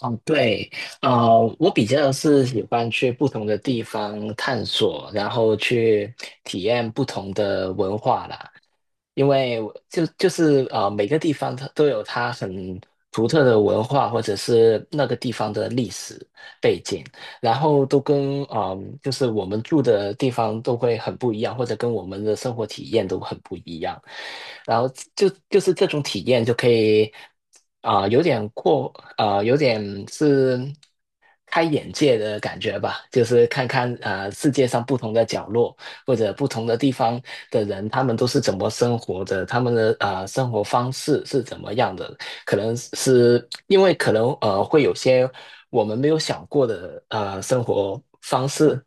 哦，对，我比较是喜欢去不同的地方探索，然后去体验不同的文化啦。因为我就是每个地方它都有它很独特的文化，或者是那个地方的历史背景，然后都跟就是我们住的地方都会很不一样，或者跟我们的生活体验都很不一样。然后就是这种体验就可以啊、有点过啊、有点是开眼界的感觉吧，就是看看世界上不同的角落。或者不同的地方的人，他们都是怎么生活的，他们的生活方式是怎么样的？可能是因为可能会有些我们没有想过的生活方式。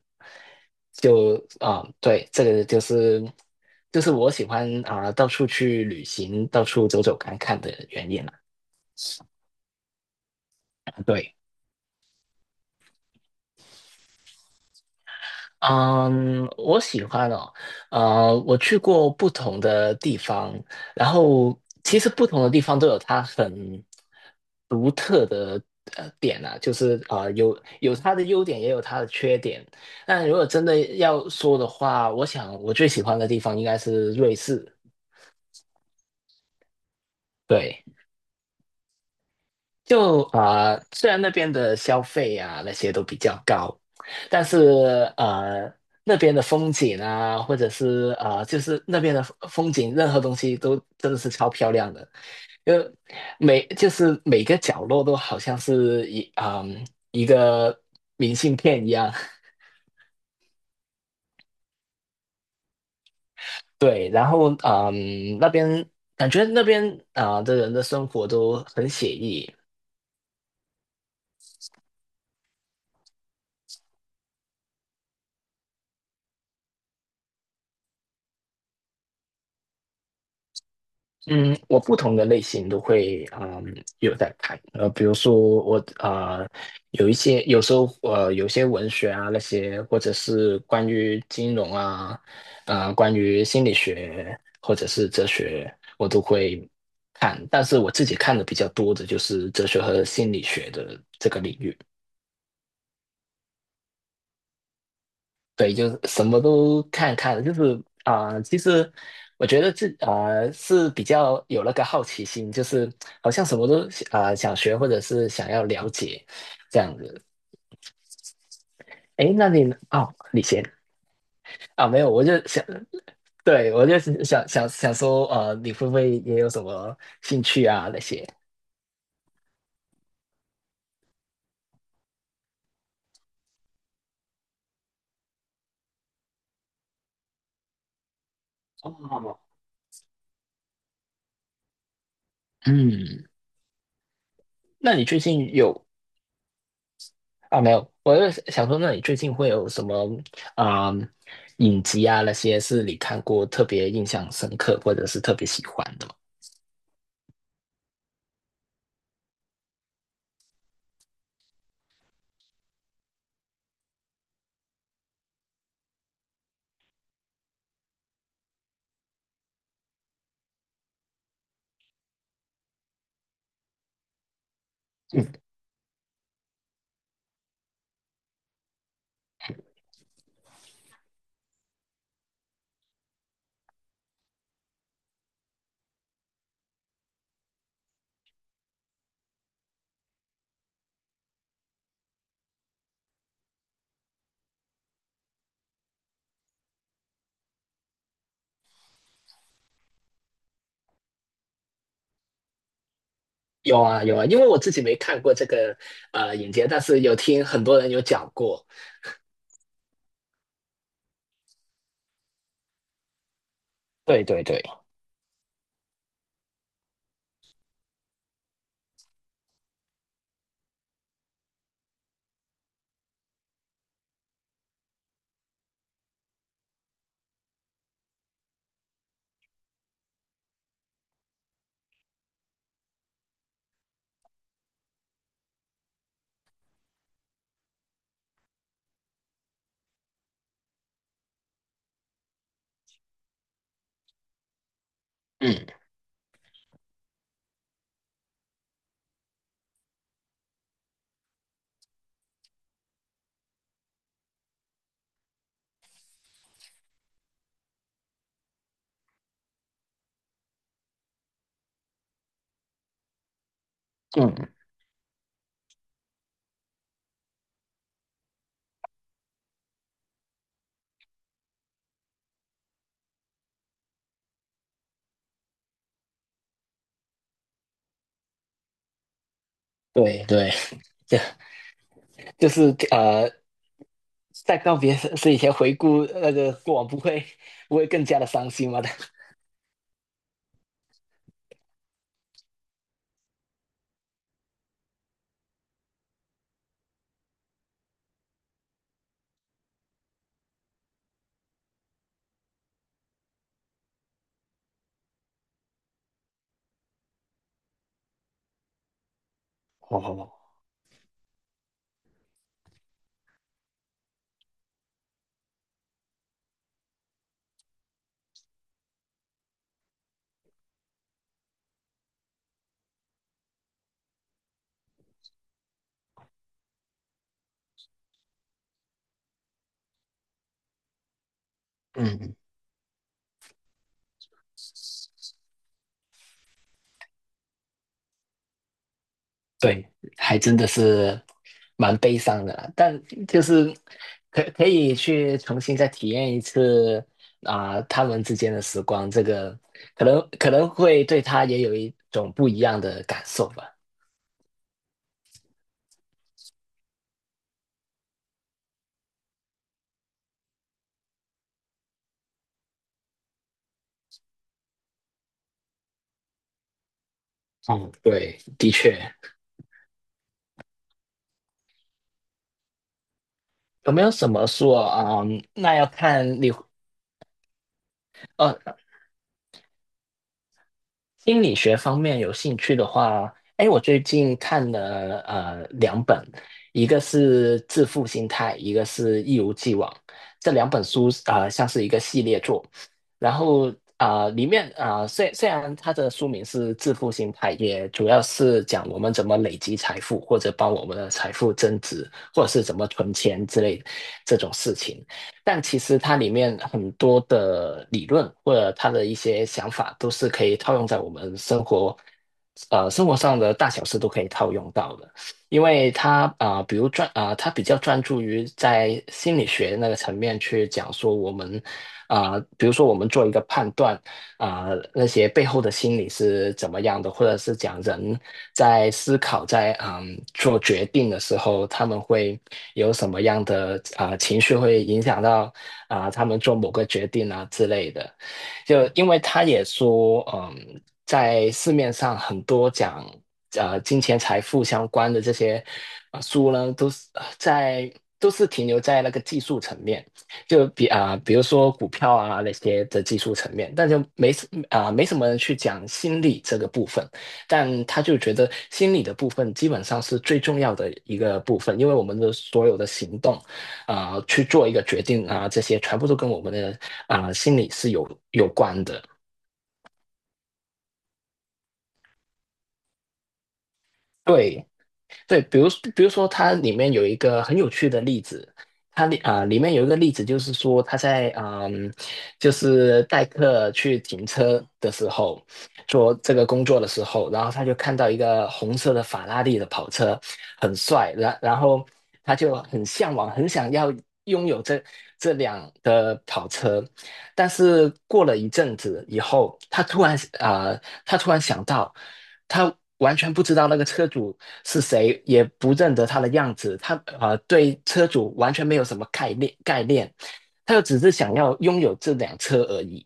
对，这个就是我喜欢到处去旅行，到处走走看看的原因了。对。嗯，我喜欢哦，我去过不同的地方。然后其实不同的地方都有它很独特的点啊，就是有它的优点，也有它的缺点。那如果真的要说的话，我想我最喜欢的地方应该是瑞士。对。虽然那边的消费啊那些都比较高，但是那边的风景啊，或者是就是那边的风景，任何东西都真的是超漂亮的。因为每就是每个角落都好像是一个明信片一样。对。然后那边的人的生活都很写意。嗯，我不同的类型都会有在看。比如说我有时候有些文学啊那些，或者是关于金融啊，关于心理学或者是哲学，我都会看，但是我自己看的比较多的就是哲学和心理学的这个领域。对，就是什么都看看。就是其实我觉得这是比较有那个好奇心，就是好像什么都想学或者是想要了解这样子。诶，那你呢哦，你先。啊，没有，我就想，对，我就是想说，你会不会也有什么兴趣啊那些？哦，嗯，那你最近有？啊，没有，我就想说，那你最近会有什么啊、嗯影集啊那些是你看过特别印象深刻或者是特别喜欢的吗？嗯，有啊有啊，因为我自己没看过这个影集，但是有听很多人有讲过。对对对。嗯嗯。对对。就就是在告别是以前回顾那个过往，不会更加的伤心吗？哦，嗯对，还真的是蛮悲伤的啦，但就是可以去重新再体验一次他们之间的时光。这个可能会对他也有一种不一样的感受吧。嗯，对，的确。有没有什么说那要看你哦，心理学方面有兴趣的话，哎，我最近看了两本，一个是《致富心态》，一个是《一如既往》，这两本书像是一个系列作。然后里面虽然它的书名是《致富心态》，也主要是讲我们怎么累积财富，或者帮我们的财富增值，或者是怎么存钱之类这种事情。但其实它里面很多的理论或者它的一些想法，都是可以套用在我们生活，生活上的大小事都可以套用到的。因为它比如专啊、它比较专注于在心理学那个层面去讲说我们比如说我们做一个判断，啊、那些背后的心理是怎么样的，或者是讲人在思考在做决定的时候，他们会有什么样的情绪会影响到他们做某个决定啊之类的。就因为他也说，在市面上很多讲金钱财富相关的这些书呢，都是停留在那个技术层面。就比如说股票啊那些的技术层面，但就没什么人去讲心理这个部分。但他就觉得心理的部分基本上是最重要的一个部分，因为我们的所有的行动啊、去做一个决定啊、这些全部都跟我们的心理是有关的。对，对，比如说，它里面有一个很有趣的例子。它里啊、里面有一个例子，就是说他在就是代客去停车的时候，做这个工作的时候，然后他就看到一个红色的法拉利的跑车。很帅，然后他就很向往，很想要拥有这辆的跑车。但是过了一阵子以后，他突然想到，他完全不知道那个车主是谁，也不认得他的样子。他对车主完全没有什么概念，他就只是想要拥有这辆车而已，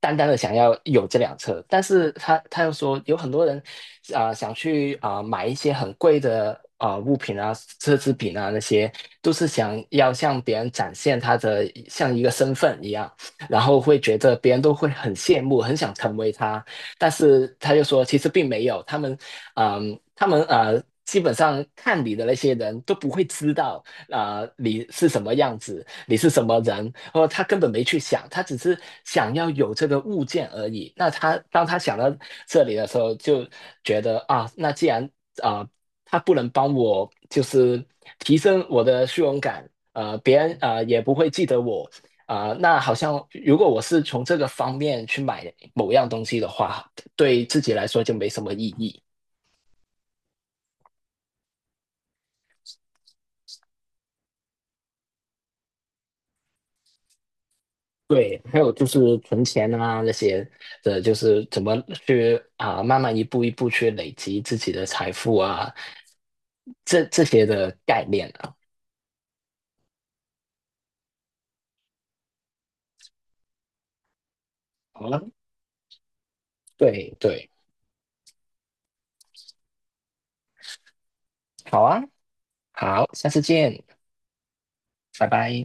单单的想要有这辆车。但是他又说，有很多人想去买一些很贵的物品啊、奢侈品啊那些，都是想要向别人展现他的像一个身份一样，然后会觉得别人都会很羡慕，很想成为他。但是他就说其实并没有，他们基本上看你的那些人都不会知道啊，你是什么样子，你是什么人，或者他根本没去想，他只是想要有这个物件而已。那当他想到这里的时候，就觉得啊，那既然啊、呃他不能帮我，就是提升我的虚荣感。别人也不会记得我。那好像如果我是从这个方面去买某样东西的话，对自己来说就没什么意义。对，还有就是存钱啊那些的，就是怎么去啊，慢慢一步一步去累积自己的财富啊，这些的概念啊。好了。对对。好啊。好，下次见。拜拜。